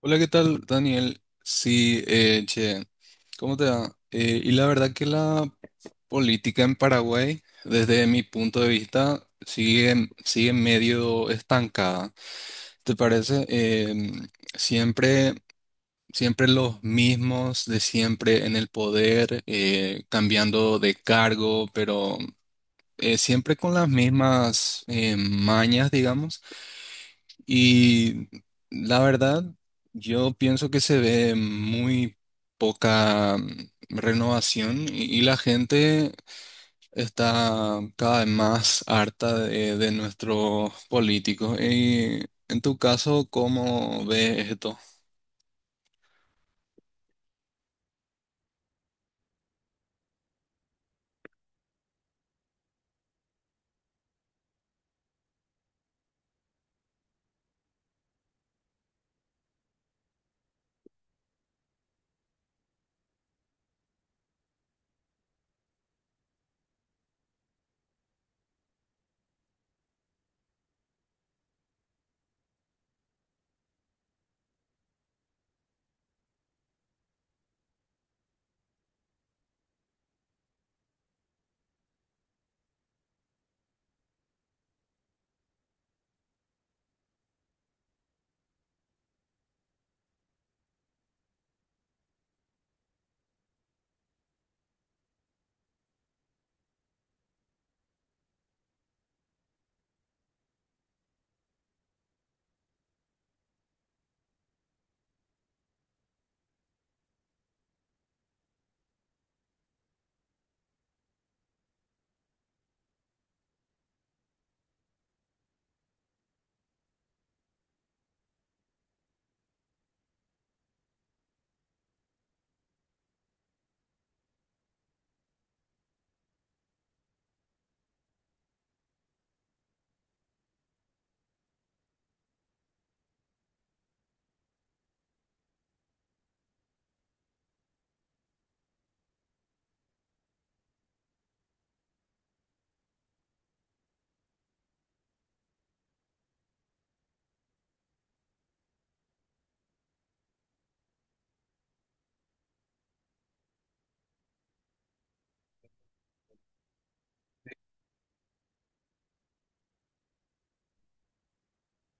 Hola, ¿qué tal, Daniel? Sí, che, ¿cómo te va? Y la verdad que la política en Paraguay, desde mi punto de vista, sigue medio estancada. ¿Te parece? Siempre, siempre los mismos de siempre en el poder, cambiando de cargo, pero siempre con las mismas mañas, digamos. Y la verdad, yo pienso que se ve muy poca renovación y la gente está cada vez más harta de nuestros políticos. Y en tu caso, ¿cómo ves esto?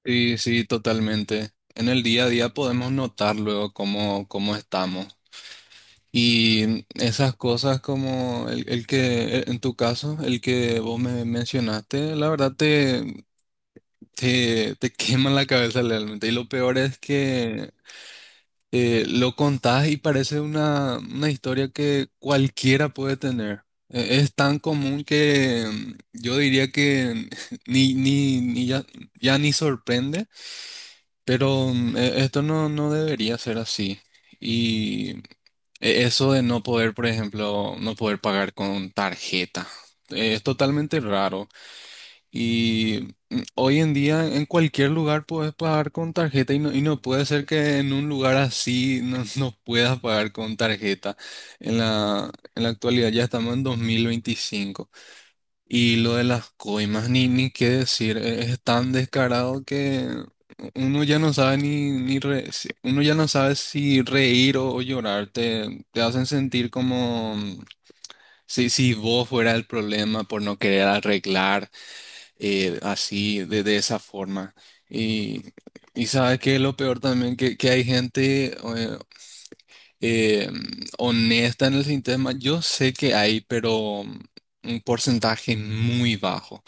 Sí, sí, totalmente. En el día a día podemos notar luego cómo estamos. Y esas cosas como en tu caso, el que vos me mencionaste, la verdad te quema la cabeza realmente. Y lo peor es que lo contás y parece una historia que cualquiera puede tener. Es tan común que yo diría que ni ya, ya ni sorprende, pero esto no, no debería ser así. Y eso de no poder, por ejemplo, no poder pagar con tarjeta, es totalmente raro. Y hoy en día en cualquier lugar puedes pagar con tarjeta y no puede ser que en un lugar así no, no puedas pagar con tarjeta. En en la actualidad ya estamos en 2025. Y lo de las coimas, ni qué decir, es tan descarado que uno ya no sabe ni, ni re- si- uno ya no sabe si reír o llorar. Te hacen sentir como si vos fuera el problema por no querer arreglar de esa forma. Y, y sabes que lo peor también, que hay gente eh, honesta en el sistema. Yo sé que hay, pero un porcentaje muy bajo.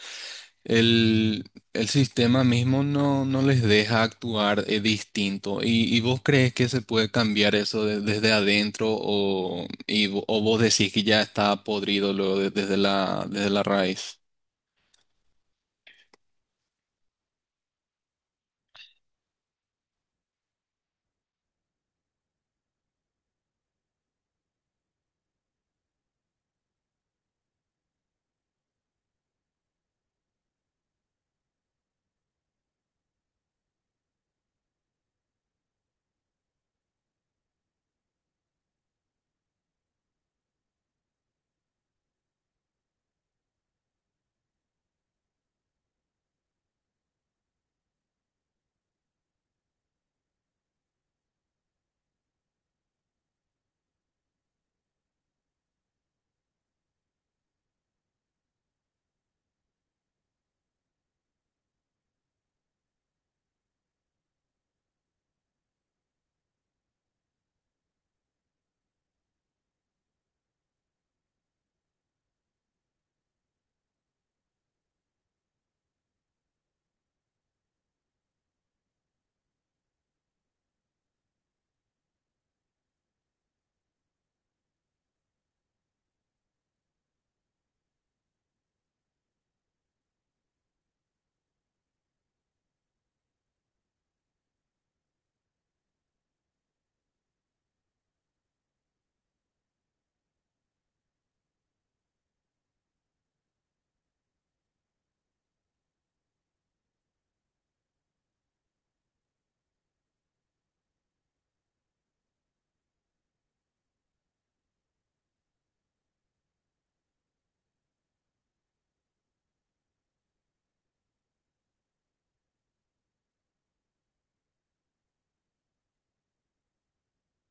El, el sistema mismo no les deja actuar distinto. Y vos crees que se puede cambiar eso desde adentro o, o vos decís que ya está podrido luego desde la raíz?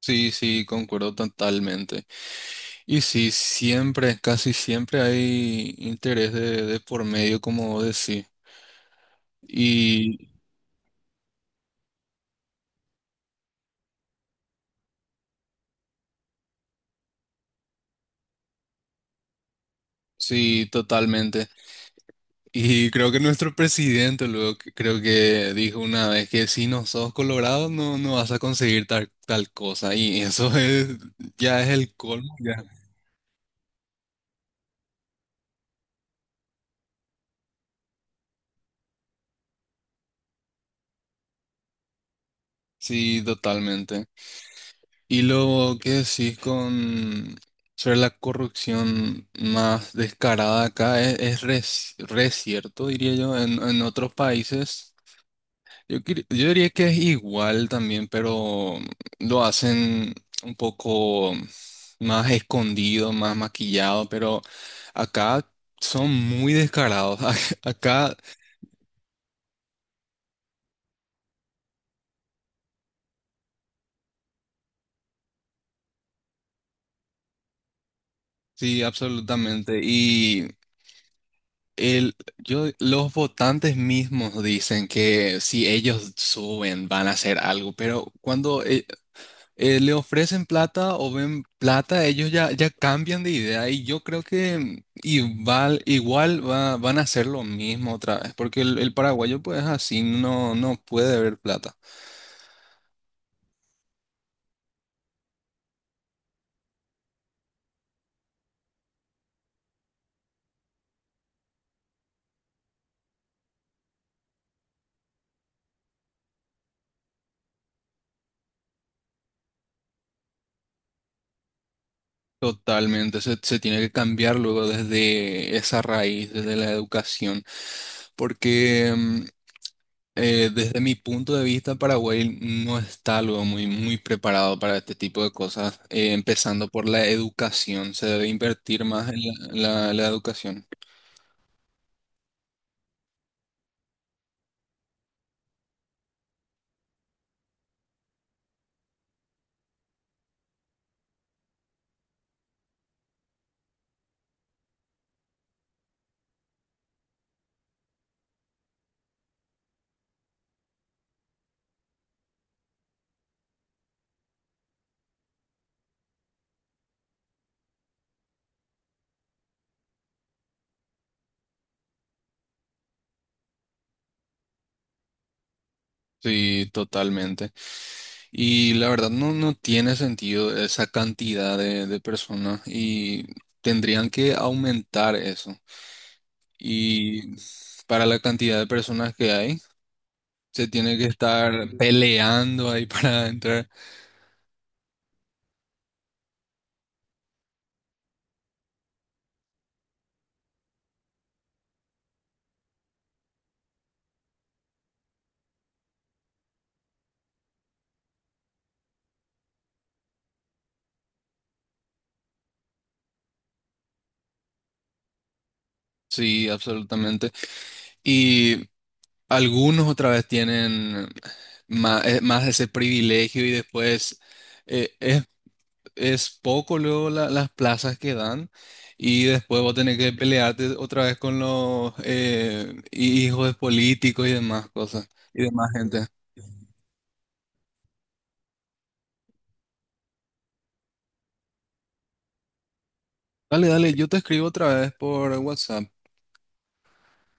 Sí, sí, concuerdo totalmente. Y sí, siempre, casi siempre hay interés de por medio, como vos decís. Y sí, totalmente. Y creo que nuestro presidente luego creo que dijo una vez que si no sos colorado no, no vas a conseguir tal cosa. Y eso es, ya es el colmo, ya. Sí, totalmente. Y lo que decís con sobre la corrupción más descarada acá re cierto, diría yo, en otros países. Yo, yo diría que es igual también, pero lo hacen un poco más escondido, más maquillado, pero acá son muy descarados. Acá sí, absolutamente. El, yo, los votantes mismos dicen que si ellos suben van a hacer algo, pero cuando le ofrecen plata o ven plata, ellos ya, ya cambian de idea y yo creo que igual, van a hacer lo mismo otra vez, porque el paraguayo pues así no, no puede ver plata. Totalmente, se tiene que cambiar luego desde esa raíz, desde la educación, porque... desde mi punto de vista, Paraguay no está algo muy preparado para este tipo de cosas, empezando por la educación. Se debe invertir más en la educación. Sí, totalmente. Y la verdad no, no tiene sentido esa cantidad de personas y tendrían que aumentar eso. Y para la cantidad de personas que hay, se tiene que estar peleando ahí para entrar. Sí, absolutamente. Y algunos otra vez tienen más, ese privilegio y después eh, es, es poco luego las plazas que dan y después vos tenés que pelearte otra vez con los hijos de políticos y demás cosas y demás gente. Dale, dale, yo te escribo otra vez por WhatsApp.